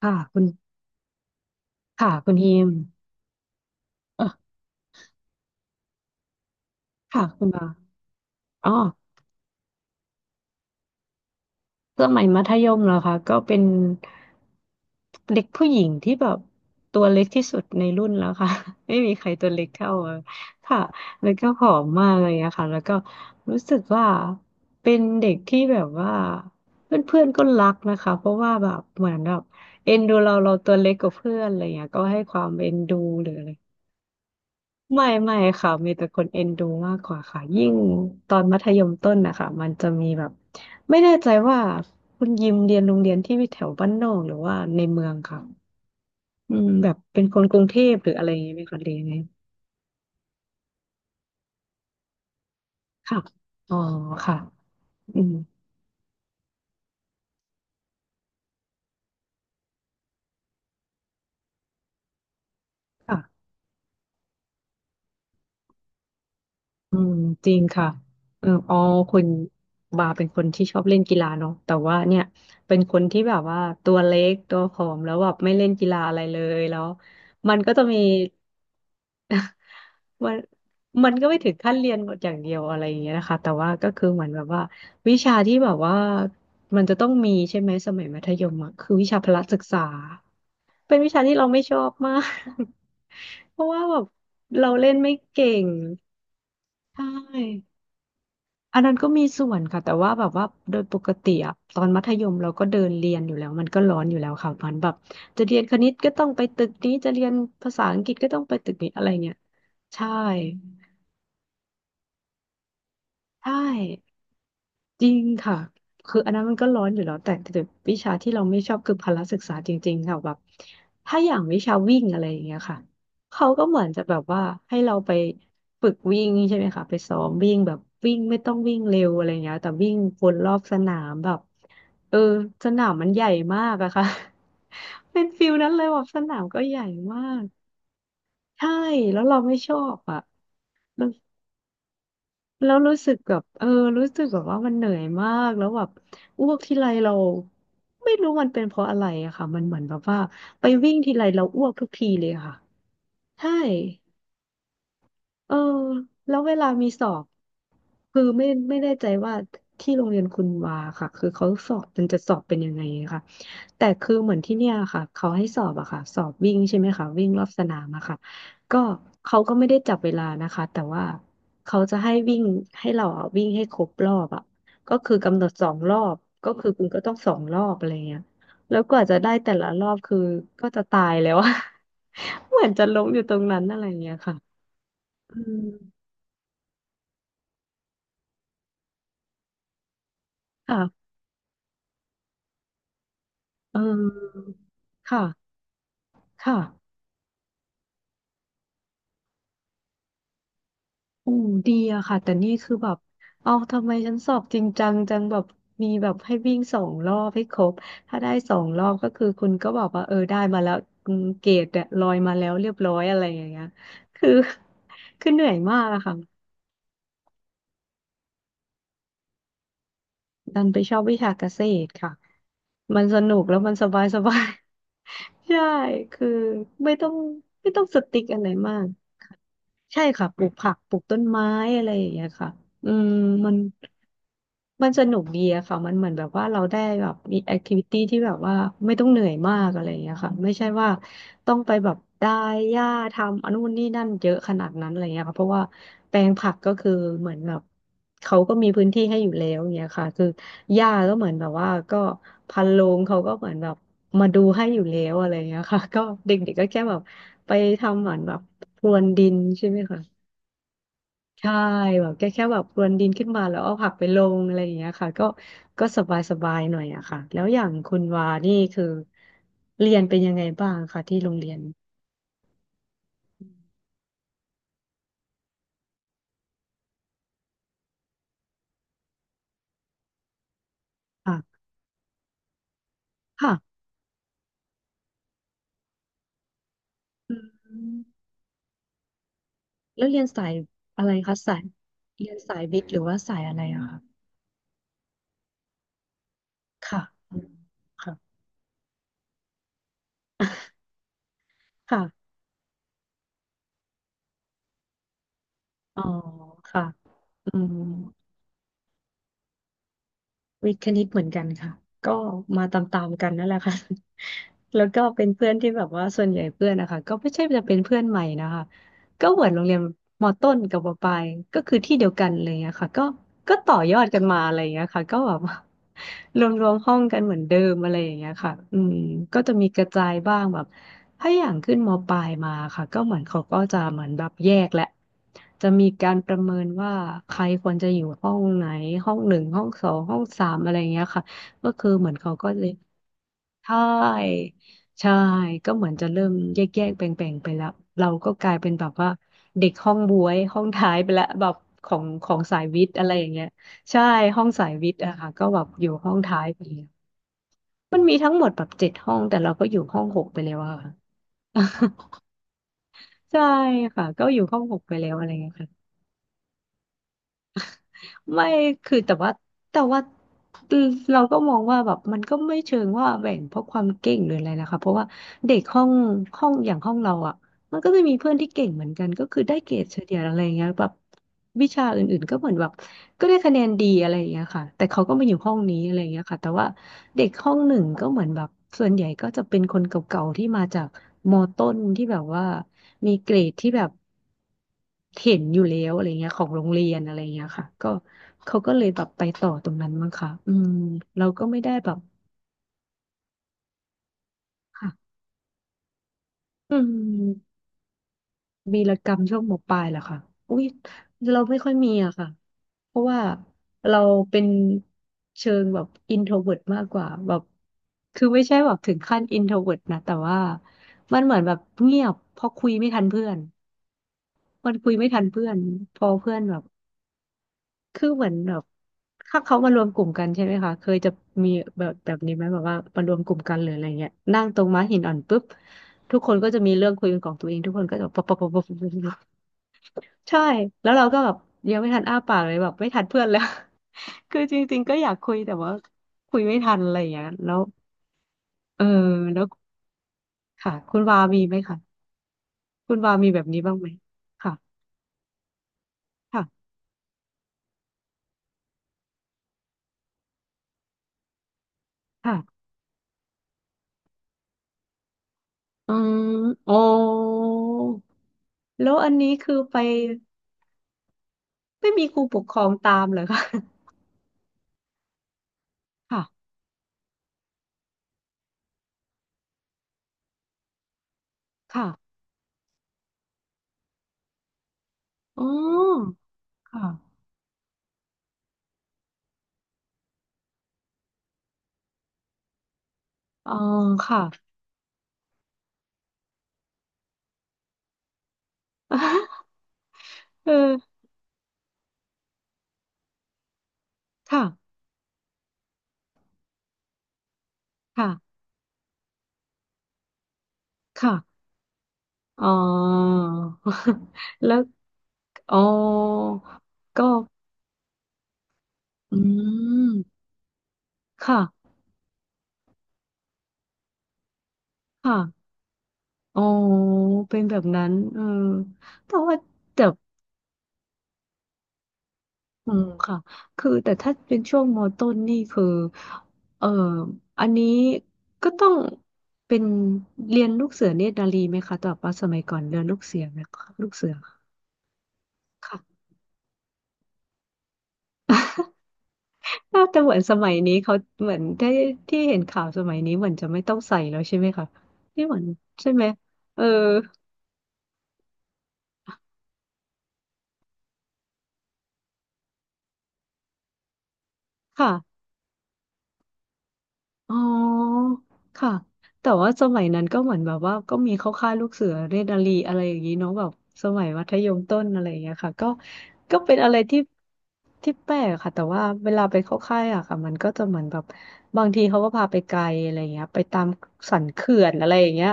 ค่ะคุณค่ะคุณฮิมเออค่ะคุณบาอ๋อสมัยมัธยมเหรอคะก็เป็นเด็กผู้หญิงที่แบบตัวเล็กที่สุดในรุ่นแล้วค่ะ ไม่มีใครตัวเล็กเท่าอะค่ะแล้วก็ผอมมากเลยอะค่ะแล้วก็รู้สึกว่าเป็นเด็กที่แบบว่าเพื่อนๆก็รักนะคะเพราะว่าแบบเหมือนแบบเอ็นดูเราเราตัวเล็กกว่าเพื่อนอะไรอย่างเงี้ยก็ให้ความเอ็นดูหรืออะไร ไม่ไม่ค่ะมีแต่คนเอ็นดูมากกว่าค่ะยิ่งตอนมัธยมต้นนะคะมันจะมีแบบไม่แน่ใจว่าคุณยิมเรียนโรงเรียนที่แถวบ้านนอกหรือว่าในเมืองค่ะอืมแบบเป็นคนกรุงเทพหรืออะไรอย่างนี้ไหมคะเรียนไงค่ะอ๋อค่ะอืมค่ะ อืมจริงค่ะเอออ๋อคุณบาเป็นคนที่ชอบเล่นกีฬาเนาะแต่ว่าเนี่ยเป็นคนที่แบบว่าตัวเล็กตัวผอมแล้วแบบไม่เล่นกีฬาอะไรเลยแล้วมันก็จะมี มันมันก็ไม่ถึงขั้นเรียนหมดอย่างเดียวอะไรอย่างเงี้ยนะคะแต่ว่าก็คือเหมือนแบบว่าวิชาที่แบบว่ามันจะต้องมีใช่ไหมสมัยมัธยมอะคือวิชาพละศึกษาเป็นวิชาที่เราไม่ชอบมาก เพราะว่าแบบเราเล่นไม่เก่ง ใช่อันนั้นก็มีส่วนค่ะแต่ว่าแบบว่าโดยปกติอะตอนมัธยมเราก็เดินเรียนอยู่แล้วมันก็ร้อนอยู่แล้วค่ะมันแบบจะเรียนคณิตก็ต้องไปตึกนี้ จะเรียนภาษาอังกฤษก็ต้องไปตึกนี้อะไรเงี้ยใช่ ใช่ จริงค่ะคืออันนั้นมันก็ร้อนอยู่แล้วแต่วิชาที่เราไม่ชอบคือพละศึกษาจริงๆค่ะแบบถ้าอย่างวิชาวิ่งอะไรอย่างเงี้ยค่ะเขาก็เหมือนจะแบบว่าให้เราไปฝึกวิ่งใช่ไหมคะไปซ้อมวิ่งแบบวิ่งไม่ต้องวิ่งเร็วอะไรเงี้ยแต่วิ่งวนรอบสนามแบบเออสนามมันใหญ่มากอะค่ะ เป็นฟิลนั้นเลยแบบสนามก็ใหญ่มากใช่แล้วเราไม่ชอบอะ แล้วรู้สึกแบบเออรู้สึกแบบว่ามันเหนื่อยมากแล้วแบบอ้วกทีไรเราไม่รู้มันเป็นเพราะอะไรอะค่ะมันเหมือนแบบว่าไปวิ่งทีไรเราอ้วกทุกทีเลยอะค่ะใช่เออแล้วเวลามีสอบคือไม่ไม่แน่ใจว่าที่โรงเรียนคุณวาค่ะคือเขาสอบมันจะสอบเป็นยังไงค่ะ แต่คือเหมือนที่เนี่ยค่ะเขาให้สอบอะค่ะสอบวิ่งใช่ไหมคะวิ่งรอบสนามอะค่ะก็เขาก็ไม่ได้จับเวลานะคะแต่ว่าเขาจะให้วิ่งให้เราอะวิ่งให้ครบรอบอะก็คือกำหนดสองรอบก็คือคุณก็ต้องสองรอบอะไรเงี้ยแล้วกว่าจะได้แต่ละรอบคือก็จะตายแล้วอะ เหมือนจะล้มอยู่ตรงนั้นอะไรเงี้ยค่ะอืมค่ะเออค่ะค่ะ โอ้ดีอะค่ะแต่นี่คือแบบเอาทำไมฉันสอบจริงจังจังแบบมีแบบให้วิ่งสองรอบให้ครบถ้าได้สองรอบก็คือคุณก็บอกว่าเออได้มาแล้วอืมเกรดเนี่ยลอยมาแล้วเรียบร้อยอะไรอย่างเงี้ยคือ คือเหนื่อยมากอะค่ะดันไปชอบวิชาเกษตรค่ะมันสนุกแล้วมันสบายสบาย ใช่คือไม่ต้องสติ๊กอะไรมากใช่ค่ะปลูกผักปลูกต้นไม้อะไรอย่างเงี้ยค่ะอืมมัน สนุกดีอะค่ะมันเหมือนแบบว่าเราได้แบบมีแอคทิวิตี้ที่แบบว่าไม่ต้องเหนื่อยมากอะไรอย่างเงี้ยค่ะไม่ใช่ว่าต้องไปแบบได้หญ้าทำอันนู่นนี่นั่นเยอะขนาดนั้นอะไรเงี้ยค่ะเพราะว่าแปลงผักก็คือเหมือนแบบเขาก็มีพื้นที่ให้อยู่แล้วอย่างเงี้ยค่ะคือหญ้าก็เหมือนแบบว่าก็พันโรงเขาก็เหมือนแบบมาดูให้อยู่แล้วอะไรเงี้ยค่ะก็เด็กๆก็แค่แบบไปทำเหมือนแบบพรวนดินใช่ไหมคะ ใช่แบบแค่แบบพรวนดินขึ้นมาแล้วเอาผักไปลงอะไรอย่างเงี้ยค่ะก็ก็สบายสบายหน่อยอะค่ะแล้วอย่างคุณวานี่คือเรียนเป็นยังไงบ้างคะที่โรงเรียนค่ะค่ะอืมแล้วเรียนสายอะไรคะสายเรียนสายวิทย์หรือว่าสายอะไรอะคะค่ะอืมค่ะค่ะอ๋อค่ะอืมวิทย์คณิตเหมือนกันค่ะก็มาตามๆกันนั่นแหละค่ะ แล้วก็เป็นเพื่อนที่แบบว่าส่วนใหญ่เพื่อนนะคะก็ไม่ใช่จะเป็นเพื่อนใหม่นะคะ ก็เหมือนโรงเรียนมอต้นกับมอปลายก็คือที่เดียวกันอะไรอย่างเงี้ยค่ะก็ต่อยอดกันมาอะไรอย่างเงี้ยค่ะก็แบบ รวมห้องกันเหมือนเดิมอะไรอย่างเงี้ยค่ะอืมก็จะมีกระจายบ้างแบบถ้าอย่างขึ้นมอปลายมาค่ะก็เหมือนเขาก็จะเหมือนแบบแยกแหละจะมีการประเมินว่าใครควรจะอยู่ห้องไหนห้องหนึ่งห้องสองห้องสามอะไรอย่างเงี้ยค่ะก็คือเหมือนเขาก็จะยใช่ ใช่ก็เหมือนจะเริ่มแยกแบ่งไปแล้วเราก็กลายเป็นแบบว่าเด็กห้องบ๊วยห้องท้ายไปแล้วแบบของสายวิทย์อะไรอย่างเงี้ยใช่ห้องสายวิทย์อะค่ะก็แบบอยู่ห้องท้ายไปแล้วมันมีทั้งหมดแบบเจ็ดห้องแต่เราก็อยู่ห้องหกไปแล้วอะ ค่ะ ใช่ค่ะก็อยู่ห้องหกไปแล้วอะไรเงี้ยค่ะไม่คือแต่ว่าเราก็มองว่าแบบมันก็ไม่เชิงว่าแบ่งเพราะความเก่งหรืออะไรนะคะเพราะว่าเด็กห้องอย่างห้องเราอ่ะ มันก็จะมีเพื่อนที่เก่งเหมือนกันก็คือได้เกรดเฉลี่ยอะไรอย่างเงี้ยแบบวิชาอื่นๆก็เหมือนแบบก็ได้คะแนนดีอะไรอย่างเงี้ยค่ะแต่เขาก็มาอยู่ห้องนี้อะไรอย่างเงี้ยค่ะแต่ว่าเด็กห้องหนึ่งก็เหมือนแบบส่วนใหญ่ก็จะเป็นคนเก่าๆที่มาจากมอต้นที่แบบว่ามีเกรดที่แบบเห็นอยู่แล้วอะไรเงี้ยของโรงเรียนอะไรเงี้ยค่ะก็เขาก็เลยแบบไปต่อตรงนั้นมั้งค่ะอืมเราก็ไม่ได้แบบค่ะอืม วีรกรรมช่วงมปลายเหรอคะอุ้ยเราไม่ค่อยมีอะค่ะเพราะว่าเราเป็นเชิงแบบอินโทรเวิร์ตมากกว่าแบบคือไม่ใช่แบบถึงขั้นอินโทรเวิร์ตนะแต่ว่ามันเหมือนแบบเงียบเพอคุยไม่ทันเพื่อนมันคุยไม่ทันเพื่อนพอเพื่อนแบบคือเหมือนแบบถ้าเขามารวมกลุ่มกันใช่ไหมคะเคยจะมีแบบนี้ไหมแบบว่ามารวมกลุ่มกันหรืออะไรเงี้ยนั่งตรงม้าหินอ่อนปุ๊บทุกคนก็จะมีเรื่องคุยเป็นของตัวเองทุกคนก็จะปบปะปะปบ ใช่แล้วเราก็แบบยังไม่ทันอ้าปากเลยแบบไม่ทันเพื่อนแล้ว คือจริงๆก็อยากคุยแต่ว่าคุยไม่ทันอะไรอย่างเงี้ยแล้วเออแล้วค่ะคุณวามีไหมคะคุณวามีแบบนี้บ้างไหมค่ะค่ะค่ะอืมโอ้แล้วอันนี้คือไปไม่มีครูปกครองตามเหรอคะ ค่ะค่ะอ๋อค่ะอ๋อค่ะ เออค่ะค่ะค่ะอ๋อ แล้ว อ๋อก็อืมค่ะค่ะอ๋อเป็นแบบนั้นเออแต่ว่าแต่อืมค่ะคือแต่ถ้าเป็นช่วงมอต้นนี่คือเอออันนี้ก็ต้องเป็นเรียนลูกเสือเนตรนารีไหมคะแต่ว่าสมัยก่อนเรียนลูกเสือไหมคะลูกเสือค่ะน่าจะเหมือนสมัยนี้เขาเหมือนที่เห็นข่าวสมัยนี้เหมือนจะไม่ต้องใส่แล้วใช่ไหมคะที่เหมือนใช่ไหมเออค่ะ อ๋อค่ะแต่ว่าสมัยนั้นก็เหมือนแบบว่าก็มีเข้าค่ายลูกเสือเรดาลีอะไรอย่างนี้เนาะแบบสมัยมัธยมต้นอะไรอย่างเงี้ยค่ะก็เป็นอะไรที่ที่แปลกค่ะแต่ว่าเวลาไปเข้าค่ายอะค่ะมันก็จะเหมือนแบบบางทีเขาก็พาไปไกลอะไรอย่างเงี้ยไปตามสันเขื่อนอะไรอย่างเงี้ย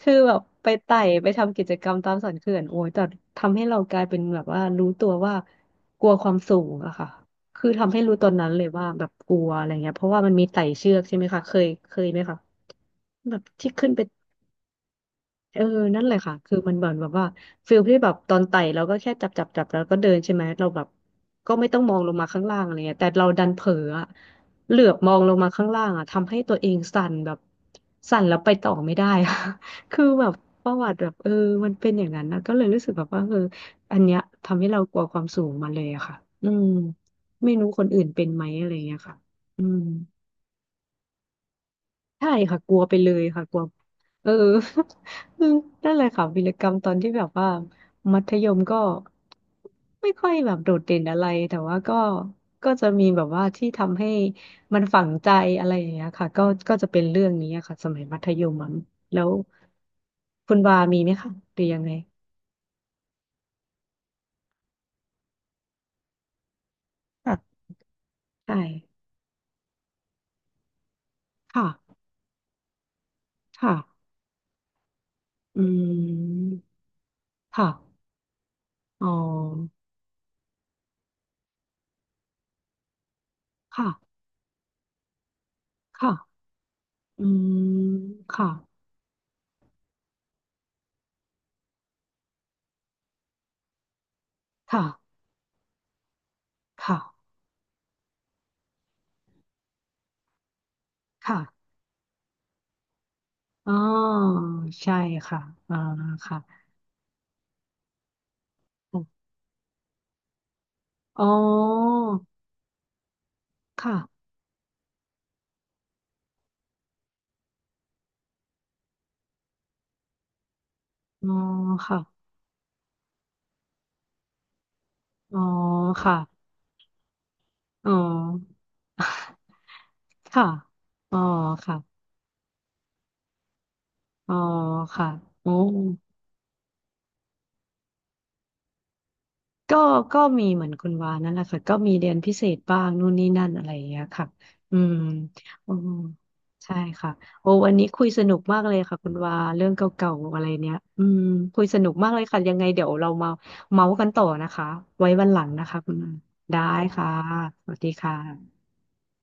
คือแบบไปไต่ไปทำกิจกรรมตามสันเขื่อนโอ้ยแต่ทำให้เรากลายเป็นแบบว่ารู้ตัวว่ากลัวความสูงอะค่ะ คือทำให้รู้ตอนนั้นเลยว่าแบบกลัวอะไรเงี้ยเพราะว่ามันมีไต่เชือกใช่ไหมคะเคยไหมคะแบบที่ขึ้นไป เออนั่นแหละค่ะ คือมันเหมือนแบบว่าฟิลที่แบบตอนไต่เราก็แค่จับแล้วก็เดินใช่ไหม เราแบบก็ไม่ต้องมองลงมาข้างล่างอะไรเงี้ยแต่เราดันเผลออะเหลือบมองลงมาข้างล่างอะทำให้ตัวเองสั่นแบบสั่นแล้วไปต่อไม่ได้อะ คือแบบประวัติแบบเออมันเป็นอย่างนั้นนะก็เลยรู้สึกแบบว่าเอออันเนี้ยทำให้เรากลัวความสูงมาเลยอะค่ะอืมไม่รู้คนอื่นเป็นไหมอะไรเงี้ยค่ะอืม ใช่ค่ะกลัวไปเลยค่ะกลัวเออ นั่นเลยค่ะวีรกรรมตอนที่แบบว่ามัธยมก็ไม่ค่อยแบบโดดเด่นอะไรแต่ว่าก็จะมีแบบว่าที่ทำให้มันฝังใจอะไรอย่างเงี้ยค่ะก็จะเป็นเรื่องนี้อะค่ะสมัยมัธยมอะแล้วคุณวามีไหมคะหรือยังไงค่ะใช่ค่ะค่ะอืมค่ะอ๋อค่ะค่ะอืมค่ะค่ะค่ะ ค่ะอ๋อใช่ค่ะอ่าค่ะอ๋อค่ะอ๋อค่ะอ๋อค่ะอ๋อค่ะอ๋อค่ะอ๋อค่ะโอ้ ก็ก็มีเหมือนคุณวานั่นแหละค่ะก็มีเรียนพิเศษบ้างนู่นนี่นั่นอะไรอย่างเงี้ยค่ะอืมอืมใช่ค่ะโอ้วันนี้คุยสนุกมากเลยค่ะคุณวาเรื่องเก่าๆอะไรเนี้ยอืมคุยสนุกมากเลยค่ะยังไงเดี๋ยวเรามาเมาส์กันต่อนะคะไว้วันหลังนะคะคุณวาได้ค่ะสวัสดีค่ะ